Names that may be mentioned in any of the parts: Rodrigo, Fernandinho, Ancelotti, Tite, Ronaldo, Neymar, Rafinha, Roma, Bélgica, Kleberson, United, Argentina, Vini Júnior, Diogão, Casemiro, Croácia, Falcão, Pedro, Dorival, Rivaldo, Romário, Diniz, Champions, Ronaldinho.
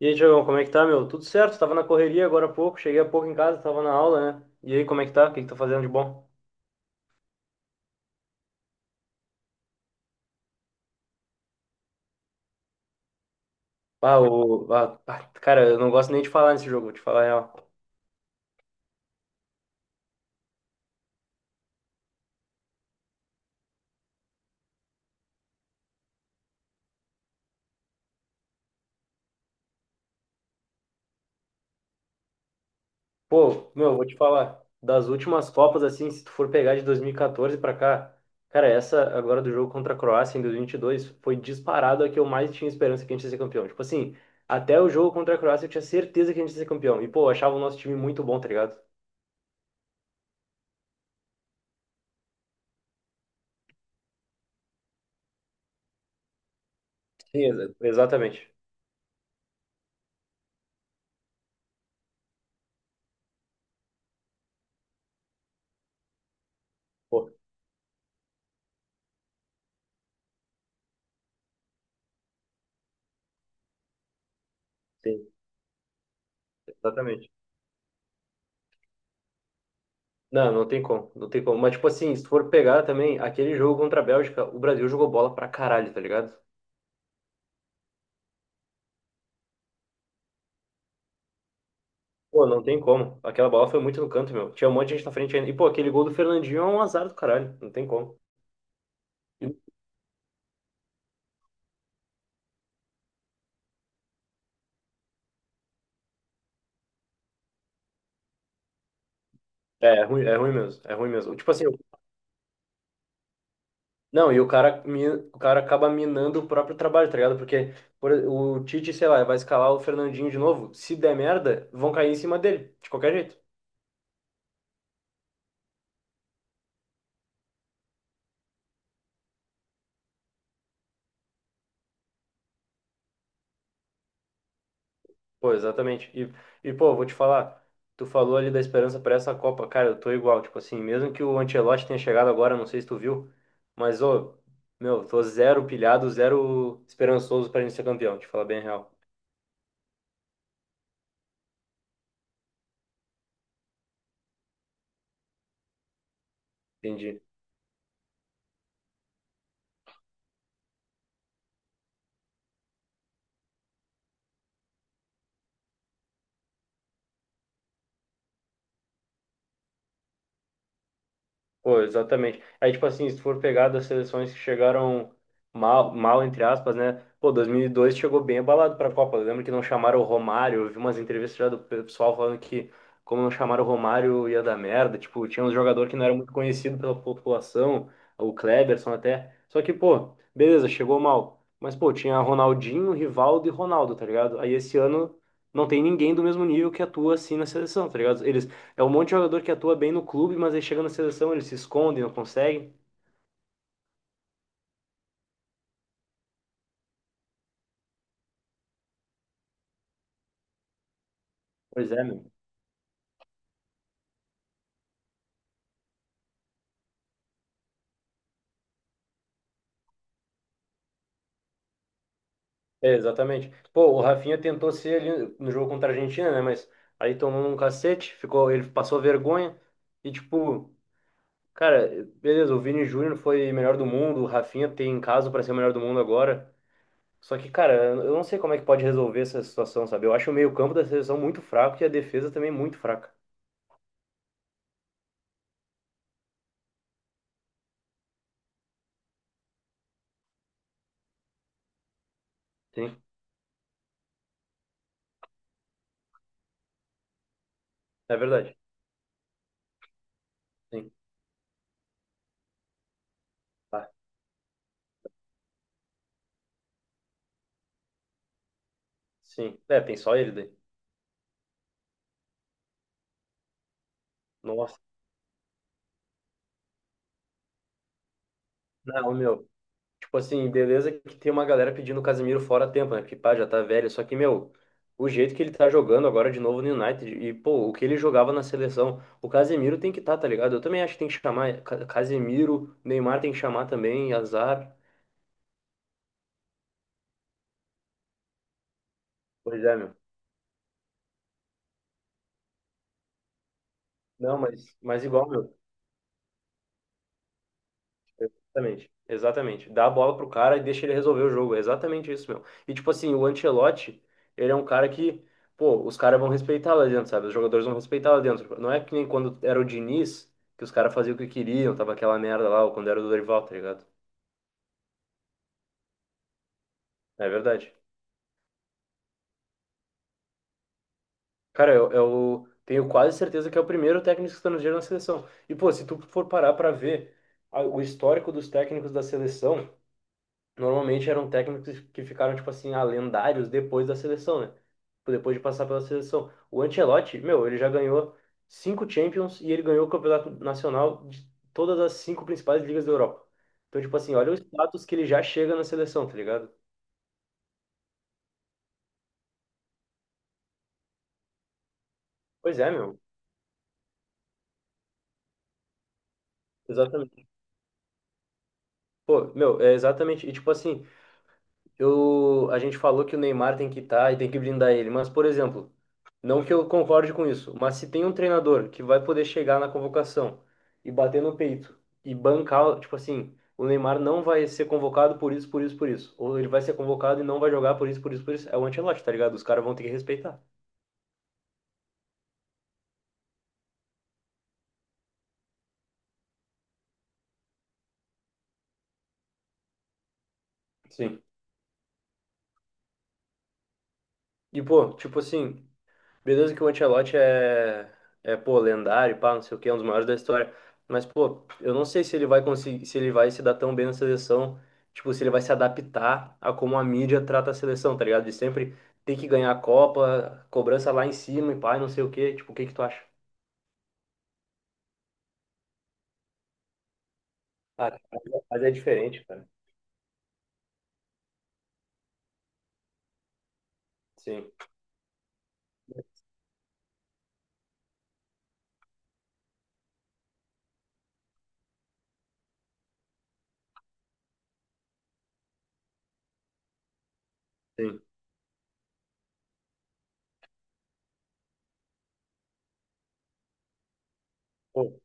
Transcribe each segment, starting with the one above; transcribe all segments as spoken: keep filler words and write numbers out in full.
E aí, Diogão, como é que tá, meu? Tudo certo, tava na correria agora há pouco, cheguei há pouco em casa, tava na aula, né? E aí, como é que tá? O que que tá fazendo de bom? Ah, o... ah, ah, cara, eu não gosto nem de falar nesse jogo, vou te falar a real. Pô, meu, vou te falar, das últimas Copas, assim, se tu for pegar de dois mil e quatorze pra cá, cara, essa agora do jogo contra a Croácia em dois mil e e vinte e dois foi disparado a que eu mais tinha esperança que a gente ia ser campeão. Tipo assim, até o jogo contra a Croácia eu tinha certeza que a gente ia ser campeão. E, pô, eu achava o nosso time muito bom, tá ligado? Sim, exa- exatamente. Pô, sim, exatamente. Não, não tem como, não tem como. Mas, tipo assim, se tu for pegar também aquele jogo contra a Bélgica, o Brasil jogou bola pra caralho, tá ligado? Pô, não tem como. Aquela bola foi muito no canto, meu. Tinha um monte de gente na frente ainda. E, pô, aquele gol do Fernandinho é um azar do caralho. Não tem como. É, é ruim, é ruim mesmo. É ruim mesmo. Tipo assim, não, e o cara, mi- o cara acaba minando o próprio trabalho, tá ligado? Porque por- o Tite, sei lá, vai escalar o Fernandinho de novo. Se der merda, vão cair em cima dele, de qualquer jeito. Pô, exatamente. E, e, pô, vou te falar, tu falou ali da esperança para essa Copa. Cara, eu tô igual, tipo assim, mesmo que o Ancelotti tenha chegado agora, não sei se tu viu, mas, ô, meu, tô zero pilhado, zero esperançoso pra gente ser campeão, te falar bem a real. Entendi. Pô, exatamente. Aí, tipo assim, se tu for pegar das seleções que chegaram mal, mal entre aspas, né? Pô, dois mil e dois chegou bem abalado pra Copa. Eu lembro que não chamaram o Romário. Eu vi umas entrevistas já do pessoal falando que, como não chamaram o Romário, ia dar merda. Tipo, tinha um jogador que não era muito conhecido pela população, o Kleberson até. Só que, pô, beleza, chegou mal. Mas, pô, tinha Ronaldinho, Rivaldo e Ronaldo, tá ligado? Aí esse ano não tem ninguém do mesmo nível que atua assim na seleção, tá ligado? Eles é um monte de jogador que atua bem no clube, mas aí chega na seleção, ele se esconde, não consegue. Pois é, meu. É, exatamente. Pô, o Rafinha tentou ser ali no jogo contra a Argentina, né? Mas aí tomou um cacete, ficou, ele passou vergonha. E tipo, cara, beleza, o Vini Júnior foi melhor do mundo, o Rafinha tem caso pra ser o melhor do mundo agora. Só que, cara, eu não sei como é que pode resolver essa situação, sabe? Eu acho o meio-campo da seleção muito fraco e a defesa também muito fraca. Sim, é verdade. Sim, tá. Sim. É, tem só ele daí. Nossa. Não, meu. Tipo assim, beleza que tem uma galera pedindo o Casemiro fora a tempo, né? Porque, pá, já tá velho. Só que, meu, o jeito que ele tá jogando agora de novo no United e, pô, o que ele jogava na seleção, o Casemiro tem que tá, tá ligado? Eu também acho que tem que chamar Ca- Casemiro, Neymar tem que chamar também, azar. Pois é, meu. Não, mas, mas igual, meu. Exatamente, exatamente. Dá a bola pro cara e deixa ele resolver o jogo. É exatamente isso, meu. E tipo assim, o Ancelotti, ele é um cara que, pô, os caras vão respeitar lá dentro, sabe? Os jogadores vão respeitar lá dentro. Não é que nem quando era o Diniz, que os caras faziam o que queriam, tava aquela merda lá, ou quando era o Dorival, tá ligado? É verdade. Cara, eu, eu tenho quase certeza que é o primeiro técnico estrangeiro na seleção. E, pô, se tu for parar pra ver a- o histórico dos técnicos da seleção, normalmente eram técnicos que ficaram, tipo assim, ah, lendários depois da seleção, né? Tipo, depois de passar pela seleção. O Ancelotti, meu, ele já ganhou cinco Champions e ele ganhou o campeonato nacional de todas as cinco principais ligas da Europa. Então, tipo assim, olha o status que ele já chega na seleção, tá ligado? Pois é, meu. Exatamente. Pô, meu, é exatamente. E, tipo assim, eu, a gente falou que o Neymar tem que estar e tem que blindar ele, mas, por exemplo, não que eu concorde com isso, mas se tem um treinador que vai poder chegar na convocação e bater no peito e bancar, tipo assim, o Neymar não vai ser convocado por isso, por isso, por isso, ou ele vai ser convocado e não vai jogar por isso, por isso, por isso, é o Ancelotti, tá ligado? Os caras vão ter que respeitar. Sim. E, pô, tipo assim. Beleza que o Ancelotti é, é, pô, lendário, pá, não sei o quê, é um dos maiores da história. Mas, pô, eu não sei se ele vai conseguir, se ele vai se dar tão bem na seleção, tipo, se ele vai se adaptar a como a mídia trata a seleção, tá ligado? De sempre ter que ganhar a Copa, cobrança lá em cima e pá, e não sei o quê. Tipo, o que que tu acha? Ah, mas é diferente, cara. Sim, sim. Pô,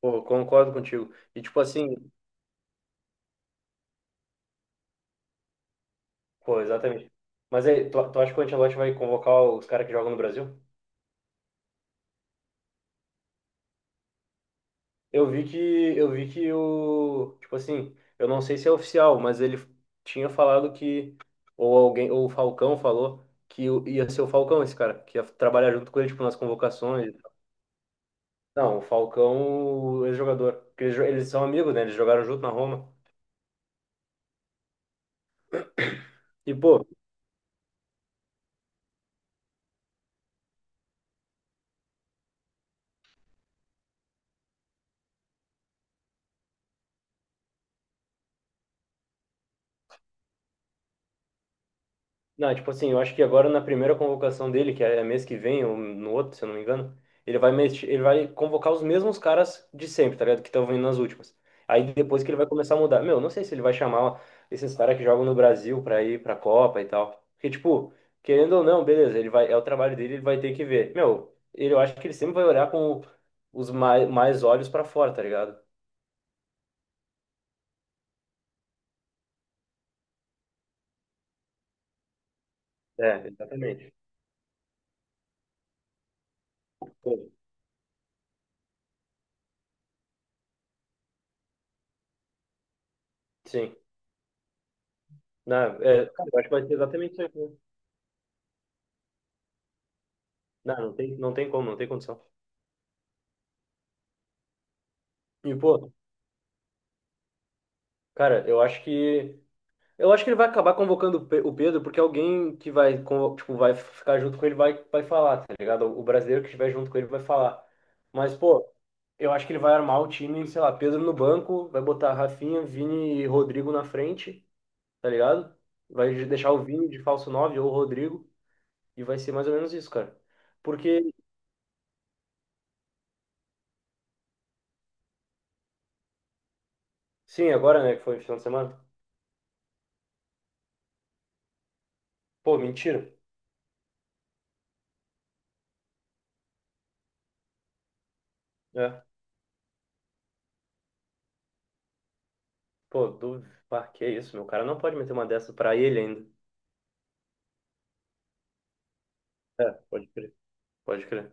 pô, concordo contigo. E, tipo, assim, pô, exatamente. Mas aí, tu, tu acha que o Ancelotti vai convocar os caras que jogam no Brasil? Eu vi que eu vi que o, tipo assim, eu não sei se é oficial, mas ele tinha falado que ou alguém, ou o Falcão falou que o- ia ser o Falcão esse cara, que ia trabalhar junto com ele tipo nas convocações. E tal. Não, o Falcão, o ex-jogador, porque eles, jo- eles são amigos, né? Eles jogaram junto na Roma. E pô, não, tipo assim, eu acho que agora na primeira convocação dele, que é mês que vem, ou no outro, se eu não me engano, ele vai, mex- ele vai convocar os mesmos caras de sempre, tá ligado? Que estão vindo nas últimas. Aí depois que ele vai começar a mudar. Meu, não sei se ele vai chamar esses caras que jogam no Brasil pra ir pra Copa e tal. Porque, tipo, querendo ou não, beleza, ele vai, é o trabalho dele, ele vai ter que ver. Meu, ele, eu acho que ele sempre vai olhar com os mais, mais olhos pra fora, tá ligado? É, exatamente. Sim. Não, é, cara, eu acho que vai ser exatamente isso aí. Né? Não, não tem, não tem como, não tem condição. E, pô, cara, eu acho que eu acho que ele vai acabar convocando o Pe- o Pedro, porque alguém que vai, convo- tipo, vai ficar junto com ele vai, vai falar, tá ligado? O brasileiro que estiver junto com ele vai falar. Mas, pô, eu acho que ele vai armar o time, sei lá, Pedro no banco, vai botar Rafinha, Vini e Rodrigo na frente, tá ligado? Vai deixar o Vini de falso nove ou o Rodrigo, e vai ser mais ou menos isso, cara. Porque, sim, agora, né, que foi final de semana. Pô, mentira. É. Pô, duvido. Pá, que isso, meu cara não pode meter uma dessa pra ele ainda. É, pode crer. Pode crer.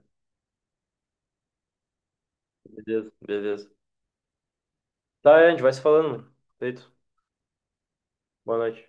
Beleza, beleza. Tá, é, a gente vai se falando, mano. Feito. Boa noite.